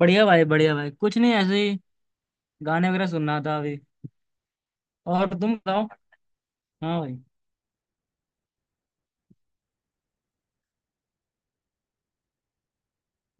बढ़िया भाई बढ़िया भाई, कुछ नहीं ऐसे ही गाने वगैरह सुन रहा था अभी। और तुम बताओ। हाँ भाई।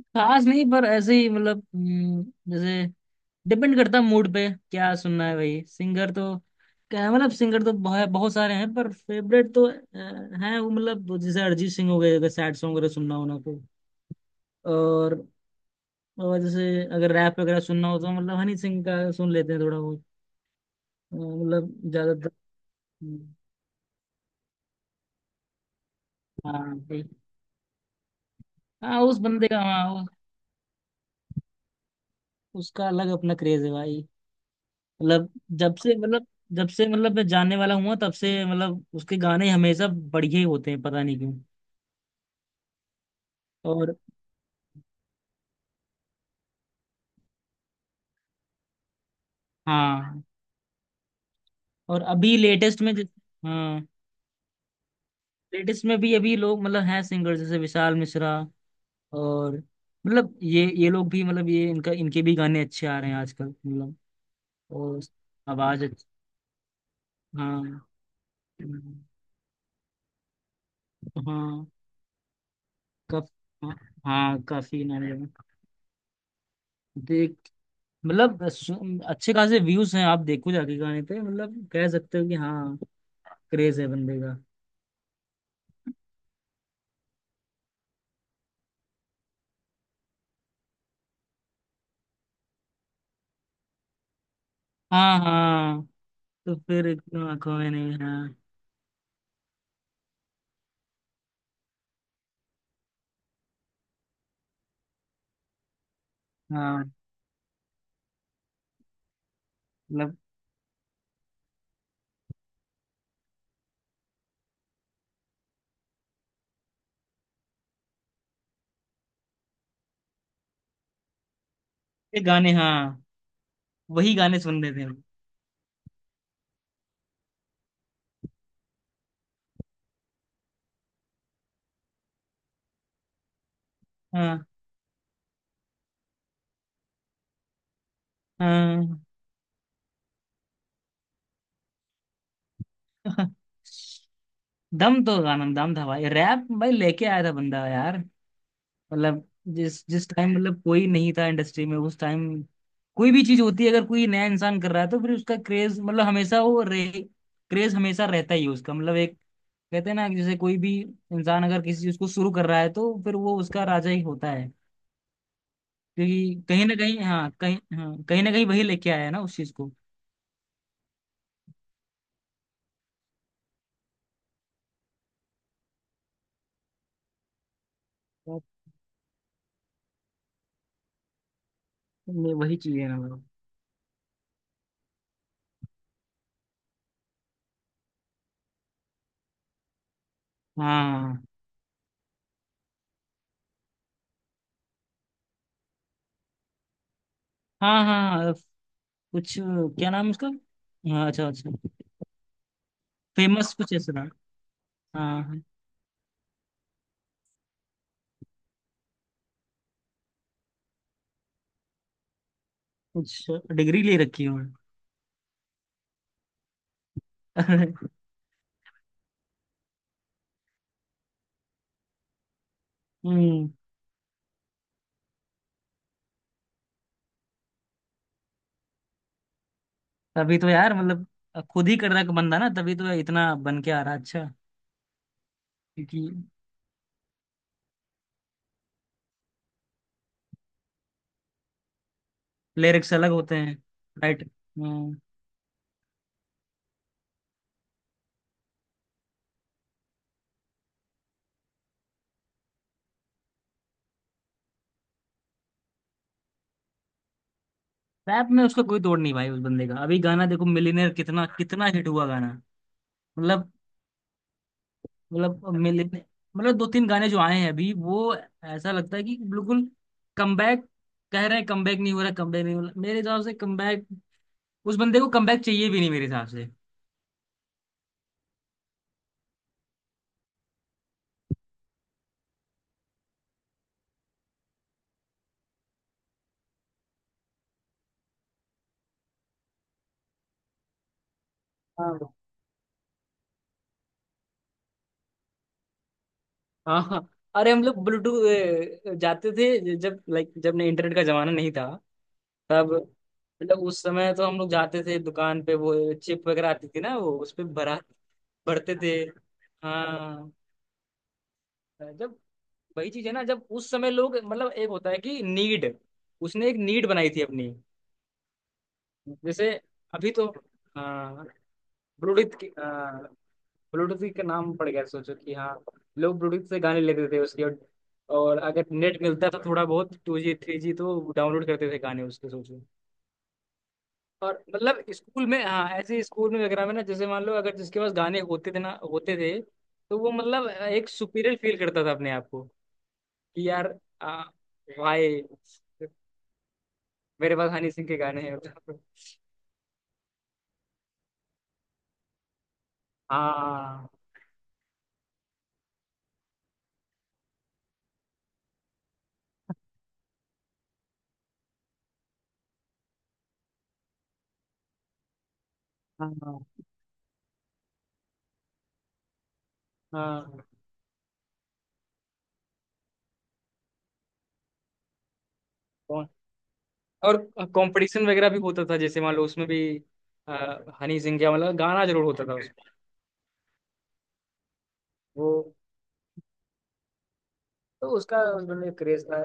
खास नहीं पर ऐसे ही मतलब जैसे डिपेंड करता है मूड पे क्या सुनना है भाई। सिंगर तो क्या मतलब सिंगर तो बहुत बहुत सारे हैं पर फेवरेट तो हैं वो मतलब जैसे अरिजीत सिंह हो गए अगर सैड सॉन्ग वगैरह सुनना हो ना तो। और और जैसे अगर रैप वगैरह सुनना हो तो मतलब हनी सिंह का सुन लेते हैं थोड़ा बहुत। मतलब ज्यादातर हम्म, हाँ भाई। हाँ उस बंदे का हाँ उसका अलग अपना क्रेज है भाई। मतलब जब से मतलब जब से मतलब मैं जानने वाला हुआ तब से मतलब उसके गाने हमेशा बढ़िया ही होते हैं पता नहीं क्यों। और हाँ और अभी हाँ लेटेस्ट में भी अभी लोग मतलब हैं सिंगर जैसे विशाल मिश्रा। और मतलब ये लोग भी मतलब ये इनका इनके भी गाने अच्छे आ रहे हैं आजकल मतलब। और आवाज अच्छी। हाँ हाँ। कफ हाँ हाँ, काफी नाम है। देख मतलब अच्छे खासे व्यूज हैं आप देखो जाके गाने पे, मतलब कह सकते हो कि हाँ क्रेज है बंदे का। हाँ हाँ तो फिर इतना आंखों में नहीं हाँ। हाँ मतलब ये गाने, हाँ वही गाने सुन रहे थे हम। हाँ हाँ। दम तो गाना, दम था भाई। रैप भाई लेके आया था बंदा यार। मतलब जिस जिस टाइम मतलब कोई नहीं था इंडस्ट्री में उस टाइम, कोई भी चीज होती है अगर कोई नया इंसान कर रहा है तो फिर उसका क्रेज मतलब हमेशा वो रे, क्रेज हमेशा रहता ही है उसका मतलब एक। कहते हैं ना कि जैसे कोई भी इंसान अगर किसी चीज को शुरू कर रहा है तो फिर वो उसका राजा ही होता है। क्योंकि कहीं ना कहीं हाँ कहीं हाँ कहीं ना कहीं वही लेके आया है ना उस चीज को। तो ये वही चीज है ना मतलब। हाँ हाँ हाँ हाँ, कुछ क्या नाम है उसका। हाँ अच्छा अच्छा। फेमस कुछ ऐसा था। हाँ हाँ, कुछ डिग्री ले रखी है। अरे, हम्म तभी तो यार मतलब खुद ही कर रहा है बंदा ना, तभी तो इतना बन के आ रहा है अच्छा। क्योंकि लिरिक्स अलग होते हैं। राइट। रैप में उसका कोई तोड़ नहीं भाई उस बंदे का। अभी गाना देखो मिलीनियर कितना कितना हिट हुआ गाना। मतलब, मतलब मिलीनियर मतलब दो तीन गाने जो आए हैं अभी वो ऐसा लगता है कि बिल्कुल कमबैक। कह रहे हैं कमबैक नहीं हो रहा कमबैक नहीं हो रहा, मेरे हिसाब से कमबैक उस बंदे को कमबैक चाहिए भी नहीं मेरे हिसाब से। हाँ हाँ। अरे हम लोग ब्लूटूथ जाते थे जब लाइक जब ने इंटरनेट का जमाना नहीं था तब, मतलब उस समय तो हम लोग जाते थे दुकान पे वो चिप वगैरह आती थी ना वो उस पे भरा भरते थे। हाँ जब वही चीज है ना, जब उस समय लोग मतलब एक होता है कि नीड, उसने एक नीड बनाई थी अपनी। जैसे अभी तो हाँ ब्लूटूथ की हाँ। ब्लूटूथ का नाम पड़ गया सोचो कि हाँ लोग ब्लूटूथ से गाने लेते थे उसके, और अगर नेट मिलता था थोड़ा बहुत टू जी थ्री जी तो डाउनलोड करते थे गाने उसके सोचो। और मतलब स्कूल में हाँ ऐसे स्कूल में वगैरह में ना जैसे मान लो अगर जिसके पास गाने होते थे ना होते थे तो वो मतलब एक सुपीरियर फील करता था अपने आप को कि यार आ, भाई मेरे पास हनी सिंह के गाने हैं। हाँ हाँ हाँ हाँ। और कंपटीशन वगैरह भी होता था जैसे मान लो उसमें भी हनी सिंह का मतलब गाना जरूर होता था उसमें। वो तो उसका उन्होंने क्रेज था।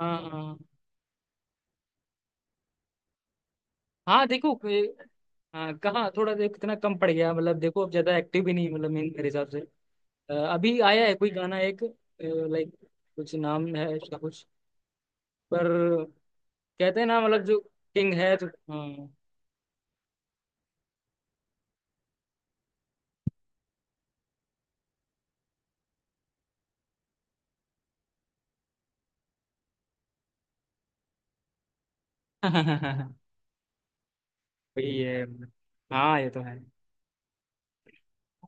हाँ हाँ हाँ, देखो ये, हाँ कहाँ थोड़ा देख इतना कम पड़ गया, मतलब देखो अब ज्यादा एक्टिव भी नहीं मतलब मेरे मेरे हिसाब से। अभी आया है कोई गाना एक लाइक, कुछ नाम है उसका कुछ, पर कहते हैं ना मतलब जो किंग है तो हाँ। वही है मतलब। हाँ ये तो है।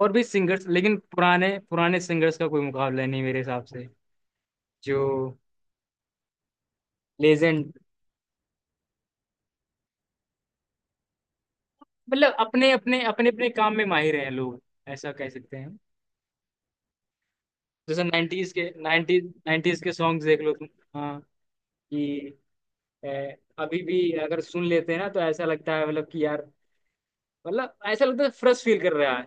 और भी सिंगर्स लेकिन पुराने पुराने सिंगर्स का कोई मुकाबला नहीं मेरे हिसाब से। जो लेजेंड, मतलब अपने अपने अपने अपने काम में माहिर हैं लोग, ऐसा कह सकते हैं। जैसे 90s के सॉन्ग्स देख लो तुम। हाँ कि अभी भी अगर सुन लेते हैं ना तो ऐसा लगता है मतलब कि यार, मतलब ऐसा लगता है फ्रेश फील कर रहा है।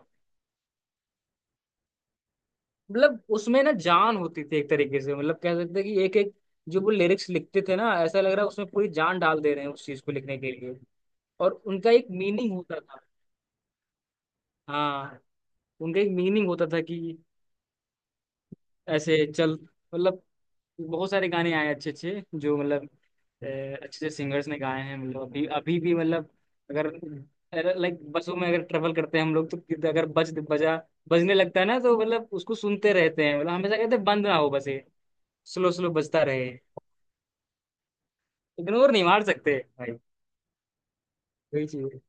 मतलब उसमें ना जान होती थी एक तरीके से, मतलब कह सकते हैं कि एक एक जो वो लिरिक्स लिखते थे ना ऐसा लग रहा है उसमें पूरी जान डाल दे रहे हैं उस चीज को लिखने के लिए। और उनका एक मीनिंग होता था। हाँ उनका एक मीनिंग होता था कि ऐसे चल, मतलब बहुत सारे गाने आए अच्छे अच्छे जो मतलब अ, अच्छे से सिंगर्स ने गाए हैं मतलब अभी अभी भी मतलब, अगर लाइक बसों में अगर ट्रेवल करते हैं हम लोग तो अगर बज बजा बजने लगता है ना तो मतलब उसको सुनते रहते हैं मतलब हमेशा कहते हैं बंद ना हो बस ये, स्लो स्लो बजता रहे। इग्नोर नहीं मार सकते भाई। वही चीज है।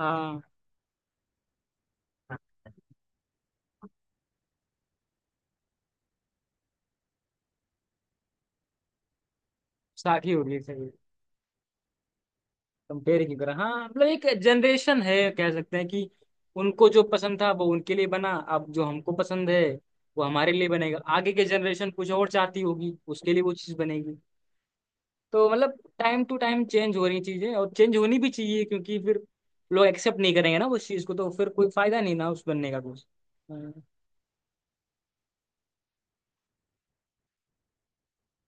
हाँ साखी हो गई। कंपेयर की करा हाँ, मतलब एक जनरेशन है कह सकते हैं कि उनको जो पसंद था वो उनके लिए बना, अब जो हमको पसंद है वो हमारे लिए बनेगा, आगे के जनरेशन कुछ और चाहती होगी उसके लिए वो चीज़ बनेगी। तो मतलब टाइम टू टाइम चेंज हो रही चीज़ें और चेंज होनी भी चाहिए क्योंकि फिर लोग एक्सेप्ट नहीं करेंगे ना उस चीज़ को, तो फिर कोई फायदा नहीं ना उस बनने का कुछ। हाँ,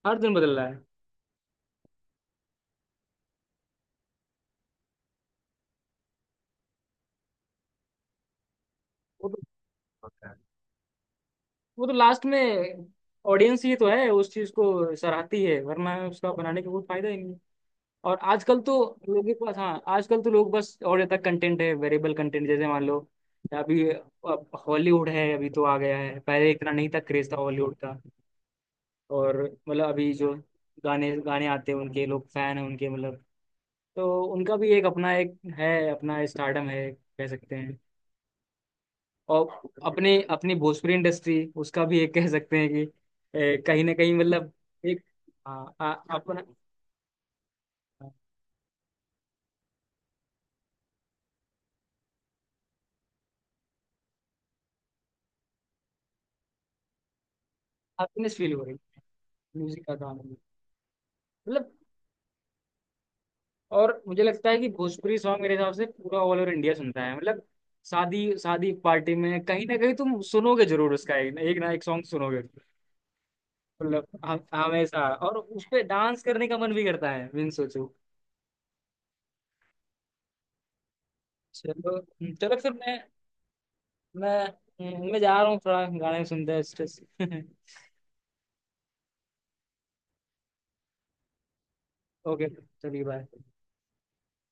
हर दिन बदल रहा है। वो तो होता है। वो तो लास्ट में ऑडियंस ही तो है उस चीज़ को सराहती है वरना उसका बनाने का कोई फायदा ही नहीं। और आजकल तो लोगों के पास हाँ आजकल तो लोग बस और ज्यादा कंटेंट है, वेरिएबल कंटेंट, जैसे मान लो अभी हॉलीवुड है अभी तो आ गया है, पहले इतना नहीं था क्रेज था हॉलीवुड का। और मतलब अभी जो गाने गाने आते हैं उनके लोग फैन हैं उनके मतलब, तो उनका भी एक अपना एक है अपना स्टारडम है कह सकते हैं। और अपने अपनी भोजपुरी इंडस्ट्री, उसका भी एक कह सकते हैं कि कहीं ना कहीं मतलब एक, हाँ, अपना अपनेस फील हो रही है म्यूजिक का काम मतलब। और मुझे लगता है कि भोजपुरी सॉन्ग मेरे हिसाब से पूरा ऑल ओवर इंडिया सुनता है, मतलब शादी शादी पार्टी में कहीं ना कहीं तुम सुनोगे जरूर, उसका एक ना एक, ना एक सॉन्ग सुनोगे। मतलब हमेशा, और उस पे डांस करने का मन भी करता है बिन सोचो। चलो। चलो फिर मैं, मैं जा रहा हूँ थोड़ा गाने सुनते हैं स्ट्रेस। ओके चलिए बाय।